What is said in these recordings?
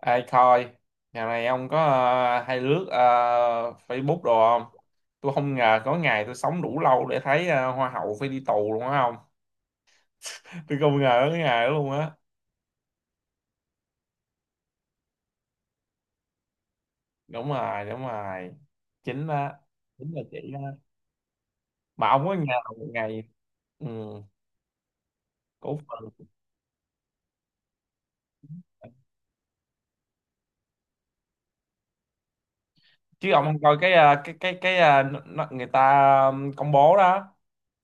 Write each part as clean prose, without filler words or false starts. Ai coi, nhà này ông có hay lướt Facebook đồ không? Tôi không ngờ có ngày tôi sống đủ lâu để thấy hoa hậu phải đi tù luôn á không? Tôi không ngờ có cái ngày đó luôn á. Đúng rồi, đúng rồi. Chính đó, chính là chị đó. Mà ông có ngờ một ngày, ừ, cổ phần. Chứ ông không coi cái à, cái cái à, nó- người ta công bố đó.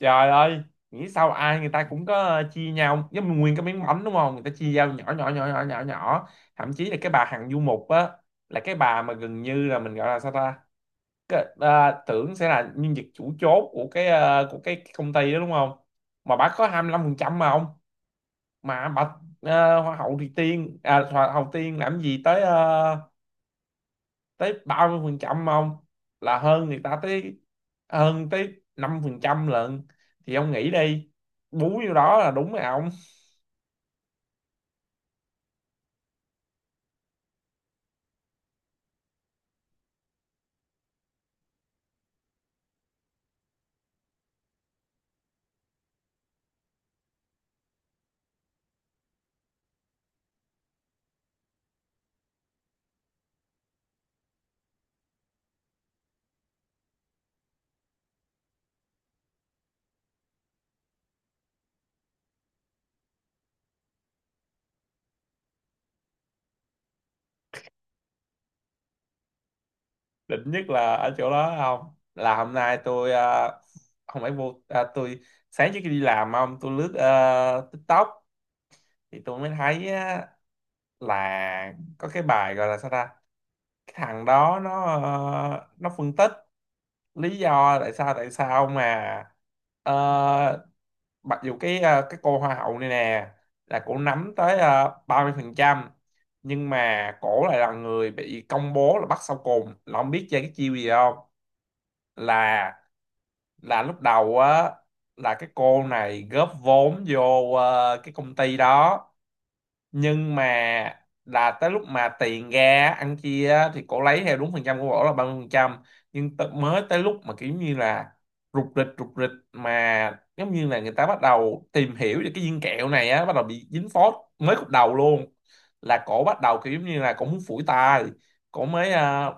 Trời ơi, nghĩ sao ai người ta cũng có, chia nhau giống như nguyên cái miếng bánh, đúng không? Người ta chia nhau nhỏ nhỏ nhỏ nhỏ nhỏ nhỏ. Thậm chí là cái bà Hằng Du Mục á, là cái bà mà gần như là mình gọi là sao ta. Tưởng sẽ là nhân vật chủ chốt của của cái công ty đó đúng không? Mà bà có 25% mà ông. mà bà Hoa hậu Tiên làm gì tới tới 30% không? Là hơn người ta tới, hơn tới 5% lận. Thì ông nghĩ đi, bú vô đó là đúng rồi ông. Định nhất là ở chỗ đó không, là hôm nay tôi không phải vô, tôi sáng trước khi đi làm, không, tôi lướt TikTok. Thì tôi mới thấy á, là có cái bài gọi là sao ta. Cái thằng đó nó phân tích lý do tại sao mà, ờ, mặc dù cái cô hoa hậu này nè, là cổ nắm tới 30%, nhưng mà cổ lại là người bị công bố là bắt sau cùng, là không biết chơi cái chiêu gì không. Là là lúc đầu á, là cái cô này góp vốn vô cái công ty đó, nhưng mà là tới lúc mà tiền ra ăn chia á, thì cổ lấy theo đúng phần trăm của cổ là 30%. Nhưng mới tới lúc mà kiểu như là rục rịch rục rịch, mà giống như là người ta bắt đầu tìm hiểu về cái viên kẹo này á, bắt đầu bị dính phốt mới khúc đầu luôn, là cổ bắt đầu kiểu giống như là cổ muốn phủi tay. Cổ mới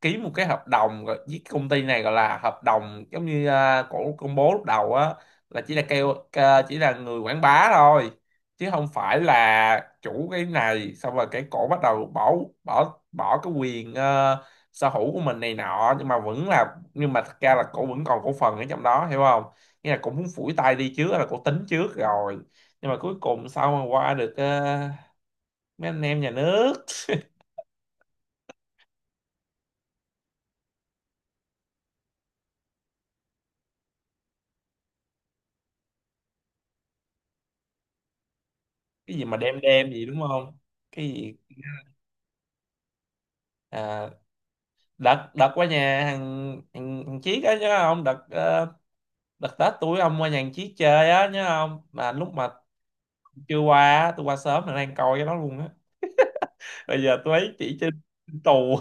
ký một cái hợp đồng với công ty này, gọi là hợp đồng, giống như cổ công bố lúc đầu á là chỉ là chỉ là người quảng bá thôi, chứ không phải là chủ cái này. Xong rồi cái cổ bắt đầu bỏ bỏ bỏ cái quyền sở hữu của mình này nọ, nhưng mà thật ra là cổ vẫn còn cổ phần ở trong đó, hiểu không? Nghĩa là cổ muốn phủi tay đi trước, là cổ tính trước rồi, nhưng mà cuối cùng sao mà qua được mấy anh em nhà nước cái gì mà đem đem gì đúng không? Cái gì, à, đợt đợt qua nhà thằng thằng, thằng Chiết á nhớ không? Đợt Tết tuổi ông qua nhà thằng Chiết chơi á nhớ không? Mà lúc mà chưa qua á, tôi qua sớm là đang coi cái đó luôn á. Bây giờ tôi thấy chị trên trên tù.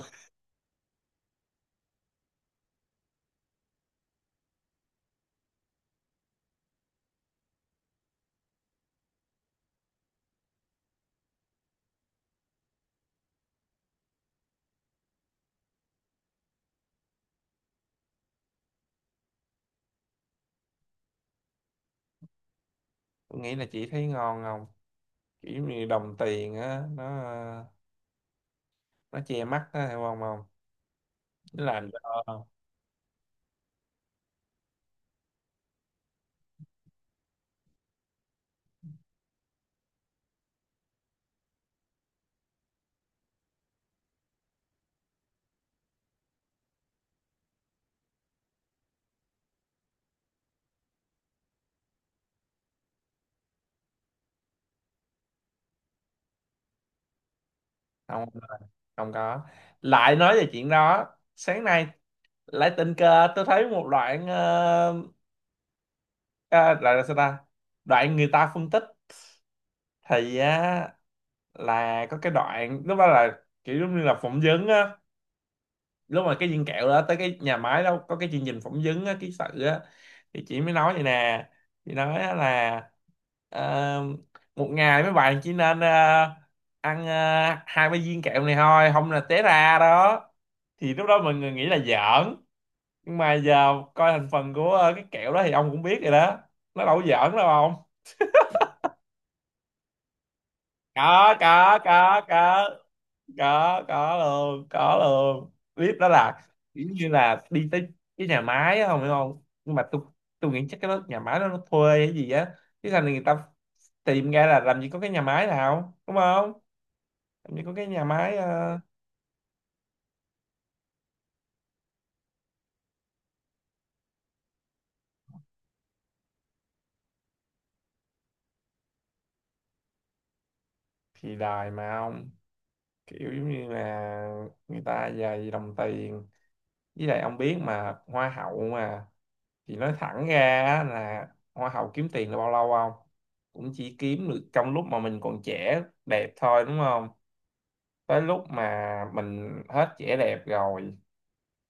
Tôi nghĩ là chị thấy ngon không, kiểu như đồng tiền á, nó che mắt á, hiểu không? Không, nó làm cho. Không. Không có. Lại nói về chuyện đó, sáng nay lại tình cờ tôi thấy một đoạn, ờ, đoạn là sao ta, đoạn người ta phân tích. Thì á, là có cái đoạn lúc đó là kiểu giống như là phỏng vấn á. Lúc mà cái viên kẹo đó tới cái nhà máy đó có cái chương trình phỏng vấn á, ký sự á, thì chị mới nói vậy nè. Chị nói á là, ờ, một ngày mấy bạn chỉ nên ăn hai ba viên kẹo này thôi, không là té ra đó. Thì lúc đó mọi người nghĩ là giỡn, nhưng mà giờ coi thành phần của cái kẹo đó thì ông cũng biết rồi đó, nó đâu có giỡn đâu không? Có có, có luôn, có luôn clip đó. Là kiểu như là đi tới cái nhà máy á, không hiểu không? Nhưng mà tôi nghĩ chắc cái đó nhà máy đó nó thuê hay gì á, chứ sao người ta tìm ra là làm gì có cái nhà máy nào đúng không? Làm gì có cái nhà máy thì đài mà ông, kiểu giống như là người ta dày đồng tiền, với lại ông biết mà hoa hậu mà. Thì nói thẳng ra á là hoa hậu kiếm tiền là bao lâu không? Cũng chỉ kiếm được trong lúc mà mình còn trẻ đẹp thôi, đúng không? Tới lúc mà mình hết vẻ đẹp rồi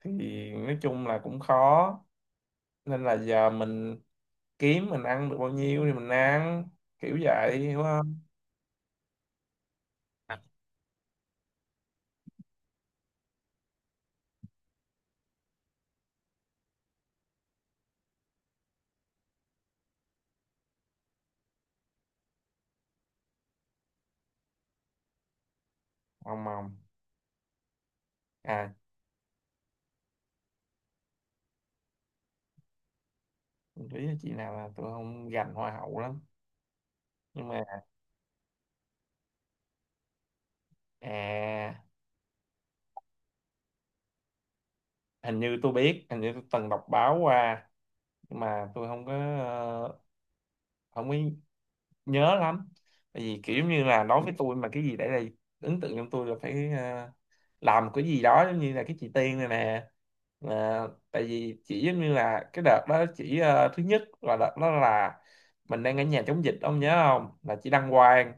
thì nói chung là cũng khó. Nên là giờ mình kiếm, mình ăn được bao nhiêu thì mình ăn, kiểu vậy hiểu không? À, không, không. À, lý chị nào là tôi không gành hoa hậu lắm, nhưng mà, à, hình như tôi biết, hình như tôi từng đọc báo qua, nhưng mà tôi ờ, không có nhớ lắm. Tại vì kiểu như là đối với tôi, mà cái gì để lại ấn tượng trong tôi là phải, làm cái gì đó giống như là cái chị Tiên này nè. À, tại vì chỉ giống như là cái đợt đó chỉ, thứ nhất là đợt đó là mình đang ở nhà chống dịch ông nhớ không, là chị đăng quang.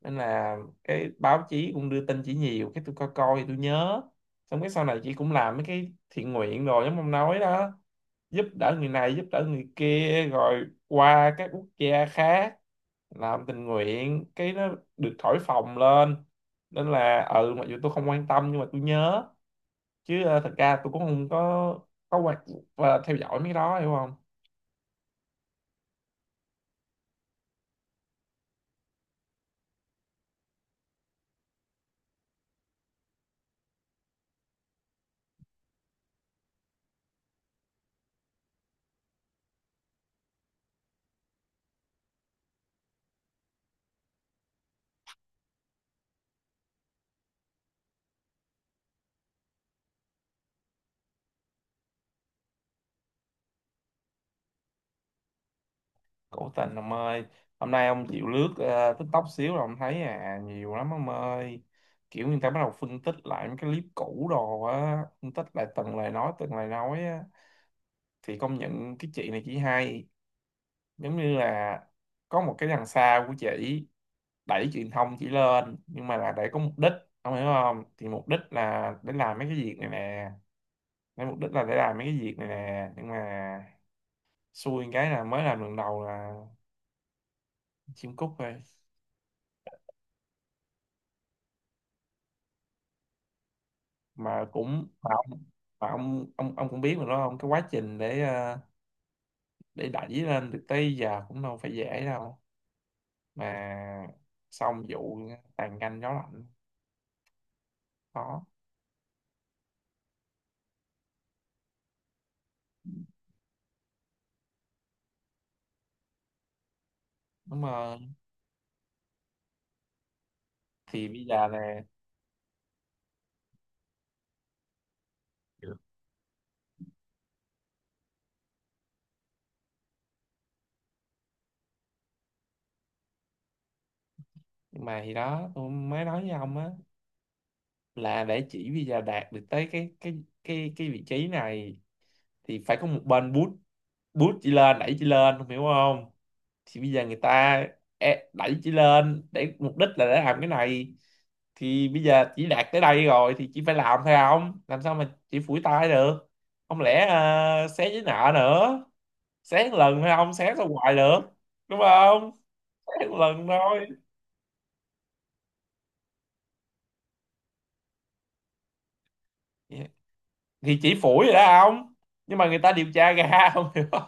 Nên là cái báo chí cũng đưa tin chỉ nhiều, cái tôi coi coi tôi nhớ. Xong cái sau này chị cũng làm mấy cái thiện nguyện rồi giống ông nói đó, giúp đỡ người này giúp đỡ người kia, rồi qua các quốc gia khác làm tình nguyện, cái nó được thổi phồng lên. Nên là ừ, mặc dù tôi không quan tâm nhưng mà tôi nhớ, chứ thật ra tôi cũng không có quan và theo dõi mấy cái đó, hiểu không? Cổ tình ông ơi. Hôm nay ông chịu lướt TikTok xíu là ông thấy nhiều lắm ông ơi. Kiểu người ta bắt đầu phân tích lại mấy cái clip cũ đồ á, phân tích lại từng lời nói, từng lời nói á. Thì công nhận cái chị này chỉ hay, giống như là có một cái đằng sau của chị đẩy truyền thông chỉ lên, nhưng mà là để có mục đích. Ông hiểu không? Thì mục đích là để làm mấy cái việc này nè. Để mục đích là để làm mấy cái việc này nè. Nhưng mà xui cái là mới làm lần đầu là chim cút thôi. Mà cũng mà ông, mà ông cũng biết mà đó không, cái quá trình để đẩy lên được tới giờ cũng đâu phải dễ đâu. Mà xong vụ tàn canh gió lạnh có. Đúng rồi, thì bây giờ nè. Nhưng mà thì đó tôi mới nói với ông á, là để chỉ bây giờ đạt được tới cái vị trí này, thì phải có một bên boost boost chị lên, đẩy chị lên không hiểu không? Thì bây giờ người ta đẩy chị lên để mục đích là để làm cái này. Thì bây giờ chỉ đạt tới đây rồi thì chị phải làm thôi, không làm sao mà chị phủi tay được. Không lẽ xé giấy nợ nữa. Xé một lần thôi, không xé sao hoài được, đúng không? Xé một lần thôi. Thì chỉ phủi rồi đó không, nhưng mà người ta điều tra ra không hiểu không?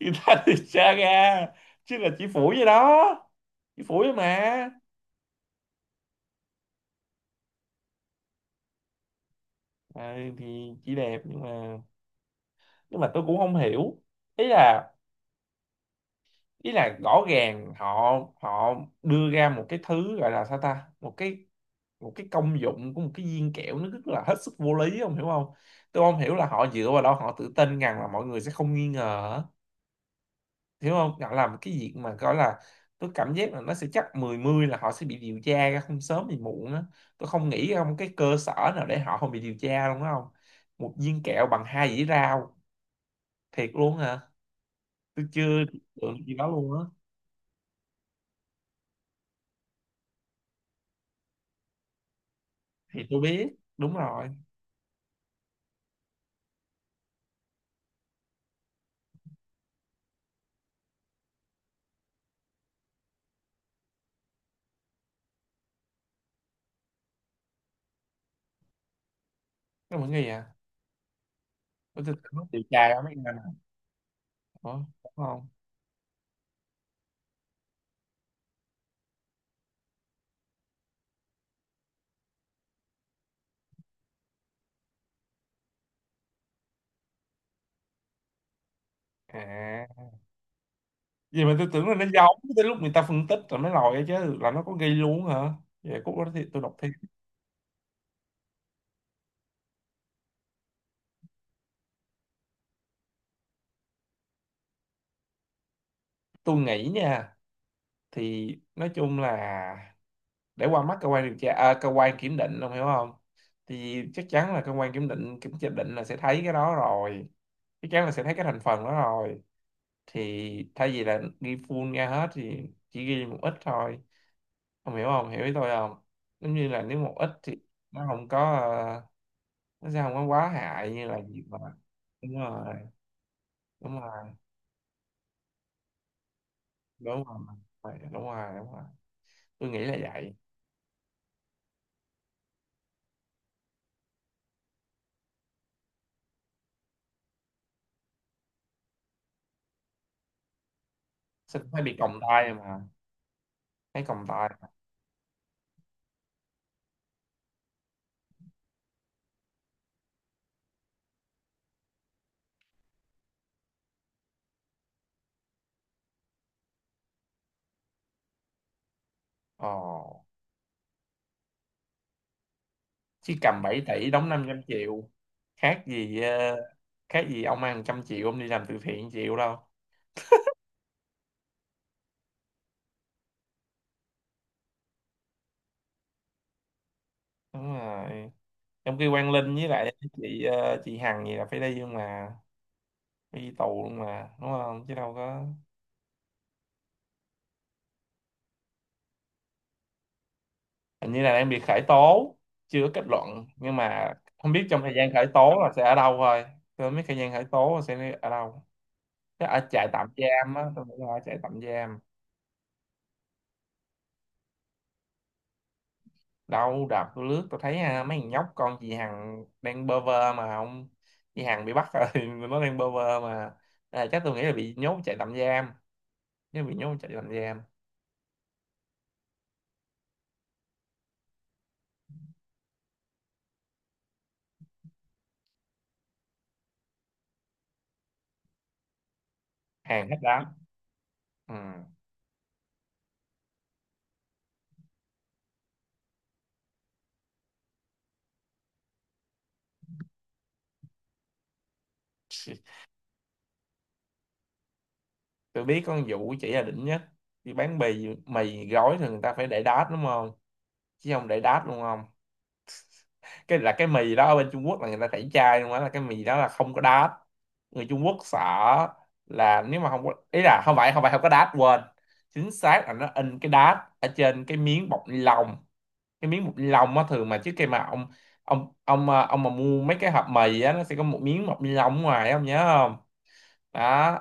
Italian Saga. Chứ là chỉ phủi vậy đó, chỉ phủi mà. Thì chỉ đẹp nhưng mà, nhưng mà tôi cũng không hiểu. Ý là ý là rõ ràng họ, họ đưa ra một cái thứ gọi là sao ta, một cái, một cái công dụng của một cái viên kẹo nó rất là hết sức vô lý, không hiểu không? Tôi không hiểu là họ dựa vào đó họ tự tin rằng là mọi người sẽ không nghi ngờ. Hiểu không, họ làm cái việc mà gọi là, tôi cảm giác là nó sẽ chắc 10-10 là họ sẽ bị điều tra ra không sớm thì muộn á. Tôi không nghĩ không cái cơ sở nào để họ không bị điều tra luôn đó không. Một viên kẹo bằng hai dĩa rau, thiệt luôn hả? Tôi chưa tưởng gì đó luôn á. Thì tôi biết. Đúng rồi. Nó mọi người à, tôi tưởng nó điều tra ra mấy cái này. Ủa, đúng không? À, vậy mà tôi tưởng là nó giống tới lúc người ta phân tích rồi mới lòi ra chứ, là nó có ghi luôn hả? Vậy cốt đó thì tôi đọc thêm. Tôi nghĩ nha, thì nói chung là để qua mắt cơ quan điều tra, cơ quan kiểm định, ông hiểu không? Thì chắc chắn là cơ quan kiểm định kiểm tra định là sẽ thấy cái đó rồi, chắc chắn là sẽ thấy cái thành phần đó rồi. Thì thay vì là ghi full ra hết thì chỉ ghi một ít thôi, ông hiểu không, hiểu ý tôi không? Giống như là nếu một ít thì nó không có nó sẽ không có quá hại như là gì mà. Đúng rồi, đúng rồi đúng rồi, đúng rồi. Tôi nghĩ là vậy. Sao phải bị còng tay mà, thấy còng tay. Ồ. Chứ cầm 7 tỷ đóng 500 triệu, khác gì, khác gì ông ăn trăm triệu ông đi làm từ thiện chịu đâu. Đúng rồi. Trong khi Quang Linh với lại chị chị Hằng gì là phải đi, nhưng mà phải đi tù luôn mà, đúng không, chứ đâu có. Hình như là đang bị khởi tố, chưa có kết luận, nhưng mà không biết trong thời gian khởi tố là sẽ ở đâu thôi. Tôi không biết thời gian khởi tố là sẽ ở đâu. Chắc ở trại tạm giam á, tôi nghĩ là ở trại tạm giam. Đâu đợt tôi lướt tôi thấy, mấy thằng nhóc con chị Hằng đang bơ vơ mà ông. Chị Hằng bị bắt rồi, nó đang bơ vơ mà. Chắc tôi nghĩ là bị nhốt chạy tạm giam, nếu bị nhốt chạy tạm giam. Hàng hết đám. Ừ. Tôi biết con vụ chỉ là đỉnh nhất. Đi bán bì mì gói thì người ta phải để đát, đúng không, chứ không để đát luôn. Cái là cái mì đó ở bên Trung Quốc là người ta tẩy chay luôn á, là cái mì đó là không có đát. Người Trung Quốc sợ là nếu mà không có, ý là không phải không có đát, quên, chính xác là nó in cái đát ở trên cái miếng bọc ni lông. Cái miếng bọc ni lông á, thường mà trước khi mà ông, ông ông mà mua mấy cái hộp mì á nó sẽ có một miếng bọc ni lông ở ngoài, ông nhớ không? Đó.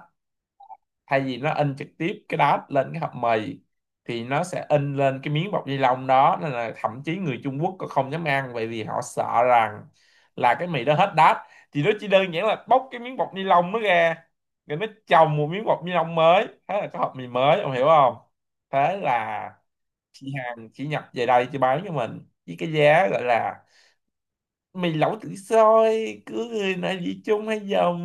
Thay vì nó in trực tiếp cái đó lên cái hộp mì thì nó sẽ in lên cái miếng bọc ni lông đó, nên là thậm chí người Trung Quốc còn không dám ăn, bởi vì họ sợ rằng là cái mì đó hết đát. Thì nó chỉ đơn giản là bóc cái miếng bọc ni lông nó ra, rồi nó chồng một miếng bọc ni lông mới, thế là có hộp mì mới, ông hiểu không? Thế là chị Hằng chỉ nhập về đây cho bán cho mình với cái giá gọi là mì lẩu tự xôi, cứ người nào dĩ chung hay dòng,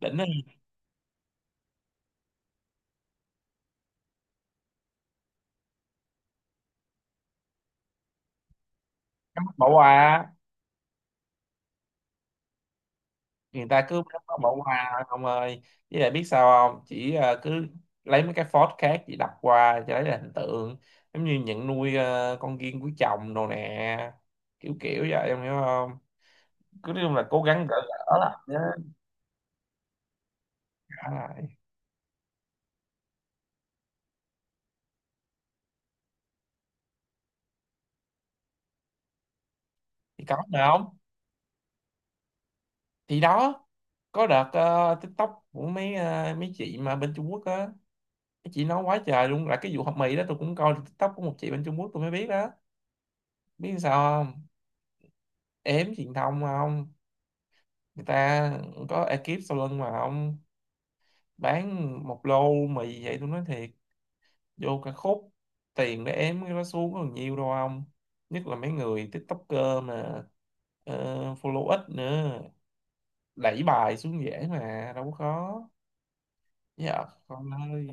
đỉnh này. Em mất bỏ quà, người ta cứ bỏ bỏ qua ông ơi. Với lại biết sao không, chỉ cứ lấy mấy cái phốt khác chỉ đập qua cho lấy là hình tượng, giống như nhận nuôi con riêng của chồng đồ nè, kiểu kiểu vậy em hiểu không. Cứ nói chung là cố gắng gỡ gỡ lại nhé. Gỡ lại thì có mà không, thì đó. Có đợt TikTok của mấy mấy chị mà bên Trung Quốc á, mấy chị nói quá trời luôn là cái vụ hộp mì đó. Tôi cũng coi được TikTok của một chị bên Trung Quốc, tôi mới biết đó. Biết sao không, ếm truyền thông không. Người ta có ekip sau lưng mà ông. Bán một lô mì vậy, tôi nói thiệt, vô cả khúc tiền để ém cái đó xuống còn nhiều đâu ông. Nhất là mấy người TikToker mà, ờ, follow ít nữa, đẩy bài xuống dễ mà đâu có khó. Dạ con ơi.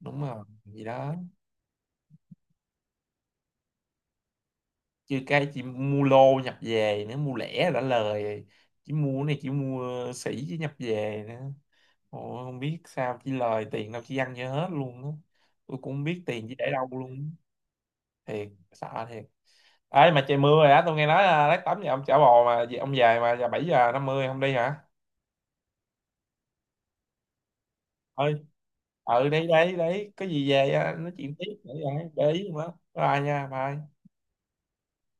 Đúng rồi gì đó. Chứ cái chỉ mua lô nhập về nữa, mua lẻ đã lời. Chỉ mua cái này chỉ mua, sỉ chứ nhập về nữa. Ồ, không biết sao chỉ lời tiền đâu chỉ ăn cho hết luôn đó. Tôi cũng không biết tiền chỉ để đâu luôn. Thiệt sợ thiệt. Ấy mà trời mưa rồi á, tôi nghe nói là lát tắm nhà ông chả bò mà về- ông về mà giờ 7:50 không đi hả? Ơi. Ừ đấy đấy đấy, có gì về á, nói chuyện tiếp nữa rồi, để ý luôn đó, bye nha, bye.